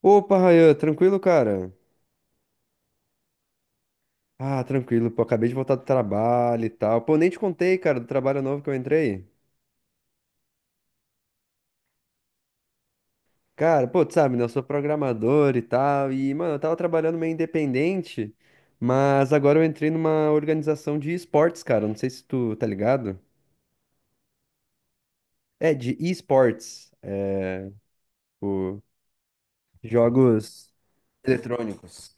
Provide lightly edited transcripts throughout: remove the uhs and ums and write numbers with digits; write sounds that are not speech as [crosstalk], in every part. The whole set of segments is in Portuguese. Opa, Rayan, tranquilo, cara? Ah, tranquilo, pô, acabei de voltar do trabalho e tal. Pô, nem te contei, cara, do trabalho novo que eu entrei. Cara, pô, tu sabe, né? Eu sou programador e tal, e, mano, eu tava trabalhando meio independente, mas agora eu entrei numa organização de esportes, cara. Não sei se tu tá ligado. É, de esportes, o- jogos eletrônicos.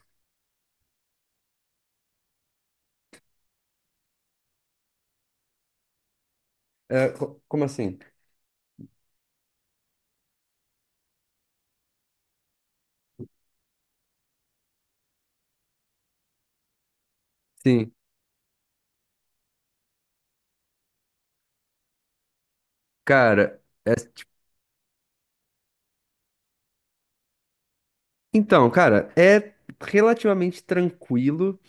É, como assim? Sim, cara, então, cara, é relativamente tranquilo.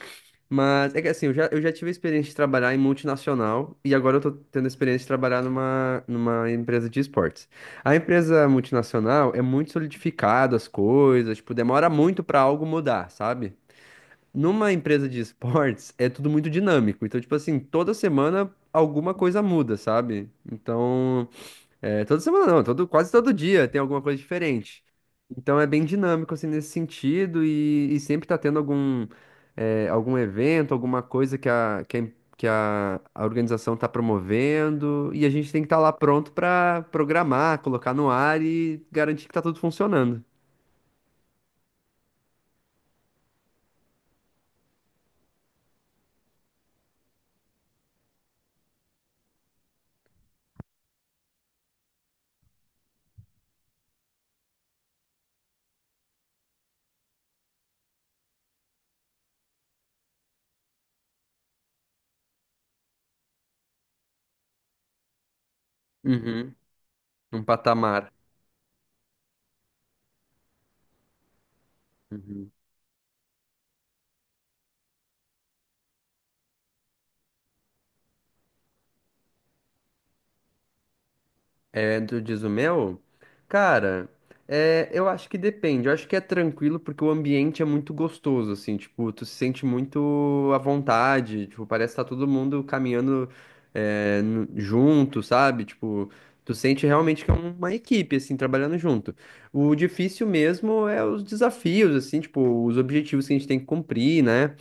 Mas é que assim, eu já tive a experiência de trabalhar em multinacional e agora eu tô tendo a experiência de trabalhar numa empresa de esportes. A empresa multinacional é muito solidificada as coisas, tipo, demora muito pra algo mudar, sabe? Numa empresa de esportes é tudo muito dinâmico. Então, tipo assim, toda semana alguma coisa muda, sabe? Então, é, toda semana não, todo, quase todo dia tem alguma coisa diferente. Então é bem dinâmico assim nesse sentido e sempre tá tendo algum evento, alguma coisa que a, em- que a organização tá promovendo e a gente tem que estar lá pronto pra programar, colocar no ar e garantir que tá tudo funcionando. Uhum, um patamar. É, tu diz o meu? Cara, eu acho que depende. Eu acho que é tranquilo porque o ambiente é muito gostoso, assim, tipo, tu se sente muito à vontade, tipo, parece que tá todo mundo caminhando, junto, sabe? Tipo, tu sente realmente que é uma equipe, assim, trabalhando junto. O difícil mesmo é os desafios, assim, tipo, os objetivos que a gente tem que cumprir, né?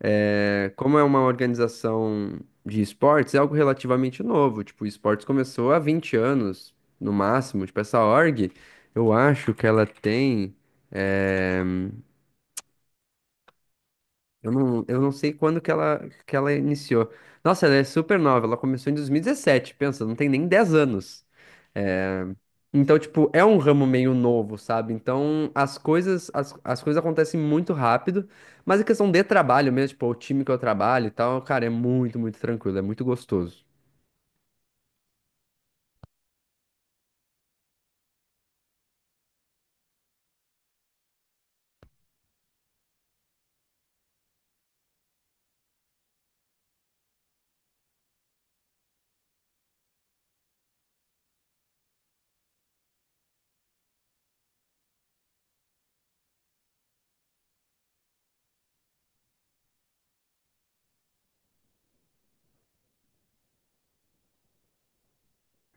É, como é uma organização de esportes, é algo relativamente novo. Tipo, o esportes começou há 20 anos, no máximo. Tipo, essa org, eu acho que ela tem. é, eu não sei quando que ela iniciou. Nossa, ela é super nova. Ela começou em 2017, pensa, não tem nem 10 anos. É, então, tipo, é um ramo meio novo, sabe? Então, as coisas, as coisas acontecem muito rápido, mas a questão de trabalho mesmo, tipo, o time que eu trabalho e tal, cara, é muito, muito tranquilo, é muito gostoso.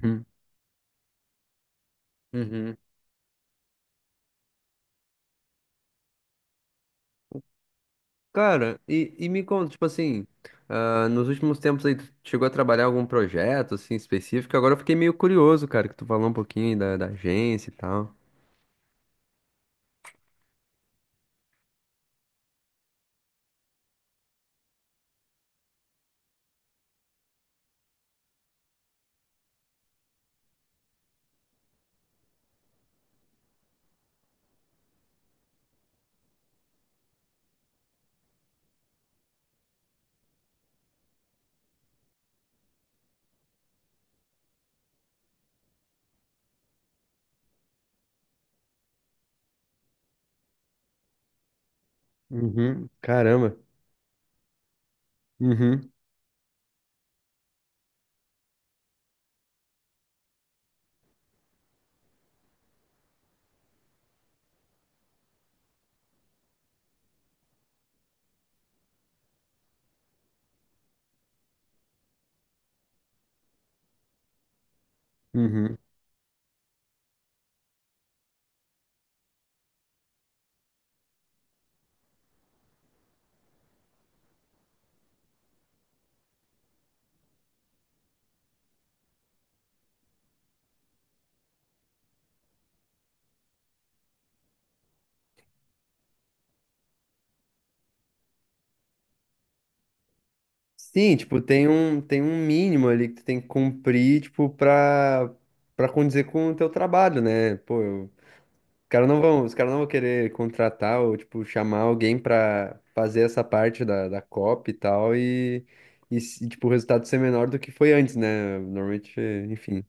Hum. Uhum. Cara, e me conta, tipo assim, ah, nos últimos tempos aí, tu chegou a trabalhar algum projeto, assim, específico? Agora eu fiquei meio curioso, cara, que tu falou um pouquinho aí da, da agência e tal. Uhum. Caramba. Uhum. Uhum. Sim, tipo, tem um, mínimo ali que tu tem que cumprir, tipo, pra, pra condizer com o teu trabalho, né? Pô, os caras não vão querer contratar ou, tipo, chamar alguém pra fazer essa parte da copy e tal, e, tipo, o resultado ser menor do que foi antes, né? Normalmente, enfim.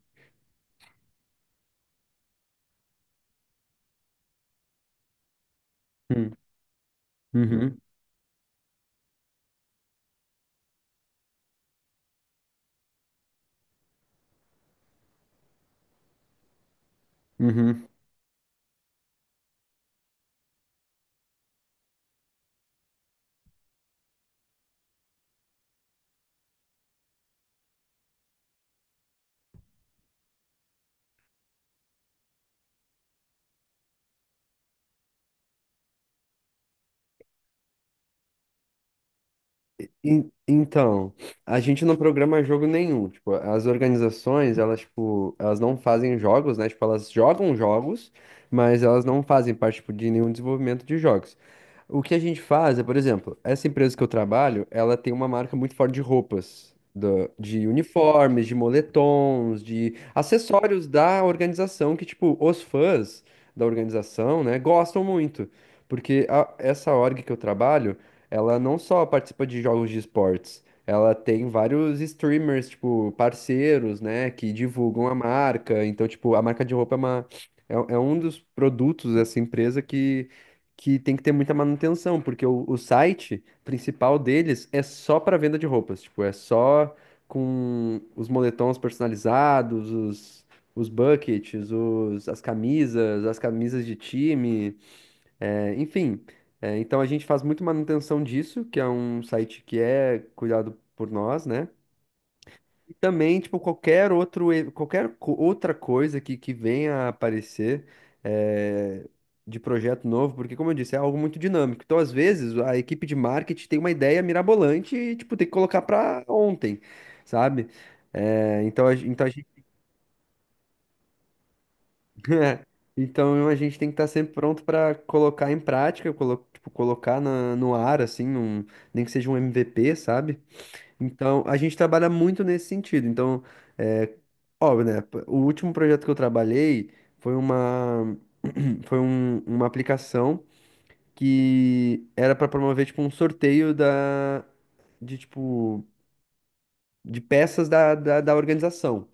Hum. Uhum, uhum. Então, a gente não programa jogo nenhum. Tipo, as organizações, elas, tipo, elas não fazem jogos, né? Tipo, elas jogam jogos, mas elas não fazem parte, tipo, de nenhum desenvolvimento de jogos. O que a gente faz é, por exemplo, essa empresa que eu trabalho, ela tem uma marca muito forte de roupas, de uniformes, de moletons, de acessórios da organização que, tipo, os fãs da organização, né, gostam muito. Porque essa org que eu trabalho, ela não só participa de jogos de esportes, ela tem vários streamers, tipo, parceiros, né, que divulgam a marca. Então, tipo, a marca de roupa é uma, é um dos produtos dessa empresa que tem que ter muita manutenção, porque o site principal deles é só para venda de roupas, tipo, é só com os moletons personalizados, os, buckets, as camisas de time, enfim. É, então a gente faz muito manutenção disso, que é um site que é cuidado por nós, né? E também, tipo, qualquer outro, e- qualquer co- outra coisa que venha a aparecer eh, de projeto novo, porque, como eu disse, é algo muito dinâmico. Então, às vezes, a equipe de marketing tem uma ideia mirabolante e, tipo, tem que colocar para ontem, sabe? Eh, então, a, gen- então, a gente, [laughs] Então, a gente tem que estar sempre pronto para colocar em prática, tipo, colocar no ar, assim, nem que seja um MVP, sabe? Então, a gente trabalha muito nesse sentido. Então, é, óbvio, né? O último projeto que eu trabalhei foi [clears throat] uma aplicação que era para promover, tipo, um sorteio de, tipo, de peças da organização.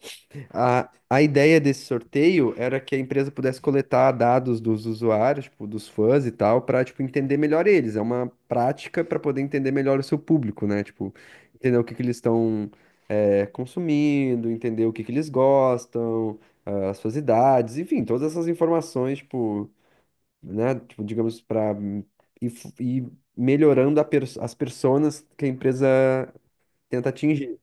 A ideia desse sorteio era que a empresa pudesse coletar dados dos usuários, tipo, dos fãs e tal, para, tipo, entender melhor eles. É uma prática para poder entender melhor o seu público, né? Tipo, entender o que que eles estão consumindo, entender o que que eles gostam, ah, as suas idades, enfim, todas essas informações, tipo, né, tipo, digamos, para ir melhorando a as personas que a empresa tenta atingir.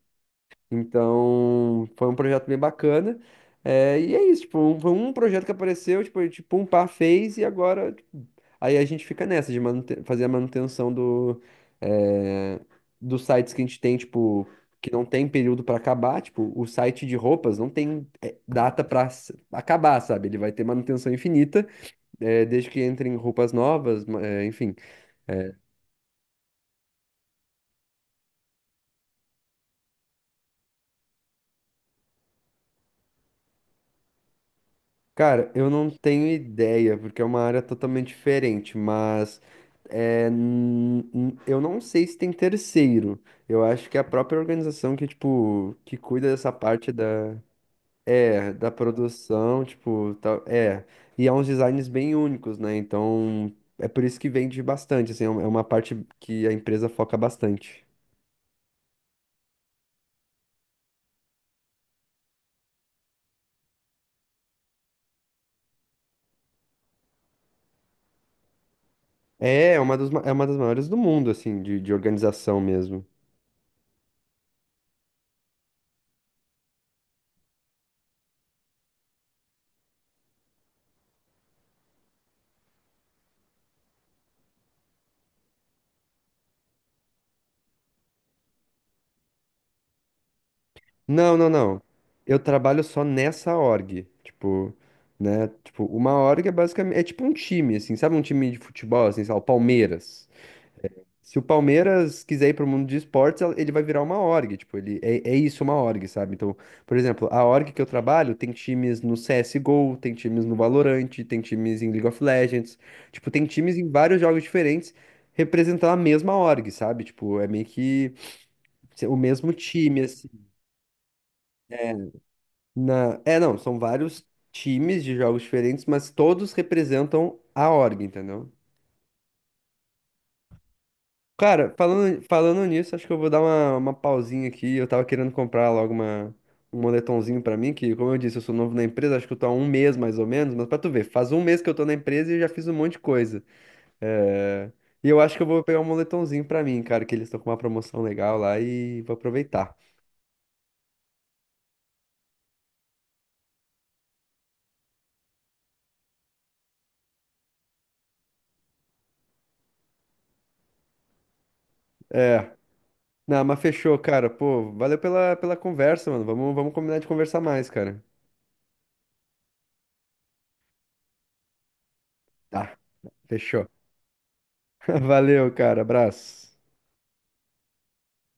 Então, foi um projeto bem bacana. É, e é isso, tipo, foi um projeto que apareceu, tipo, um par fez e agora, tipo, aí a gente fica nessa de fazer a manutenção é, dos sites que a gente tem, tipo, que não tem período para acabar, tipo, o site de roupas não tem data para acabar, sabe? Ele vai ter manutenção infinita, desde que entrem roupas novas, enfim. Cara, eu não tenho ideia, porque é uma área totalmente diferente, mas eu não sei se tem terceiro. Eu acho que é a própria organização que, tipo, que cuida dessa parte da produção, tipo, tal, é. E é uns designs bem únicos, né? Então, é por isso que vende bastante, assim, é uma parte que a empresa foca bastante. É, é uma das maiores do mundo, assim, de organização mesmo. Não, não, não. Eu trabalho só nessa org. Tipo, né? Tipo, uma org é basicamente. É tipo um time, assim, sabe? Um time de futebol, assim, sei lá, o Palmeiras. Se o Palmeiras quiser ir pro mundo de esportes, ele vai virar uma org. Tipo, ele é isso, uma org, sabe? Então, por exemplo, a org que eu trabalho tem times no CSGO, tem times no Valorant, tem times em League of Legends. Tipo, tem times em vários jogos diferentes representando a mesma org, sabe? Tipo, é meio que o mesmo time, assim. é, É, não, são vários times de jogos diferentes, mas todos representam a org, entendeu? Cara, falando nisso, acho que eu vou dar uma pausinha aqui. Eu tava querendo comprar logo um moletomzinho pra mim, que, como eu disse, eu sou novo na empresa, acho que eu tô há um mês mais ou menos, mas pra tu ver, faz um mês que eu tô na empresa e eu já fiz um monte de coisa. É, E eu acho que eu vou pegar um moletomzinho pra mim, cara, que eles estão com uma promoção legal lá e vou aproveitar. É. Não, mas fechou, cara. Pô, valeu pela conversa, mano. Vamos combinar de conversar mais, cara. Tá, fechou. [laughs] Valeu, cara. Abraço.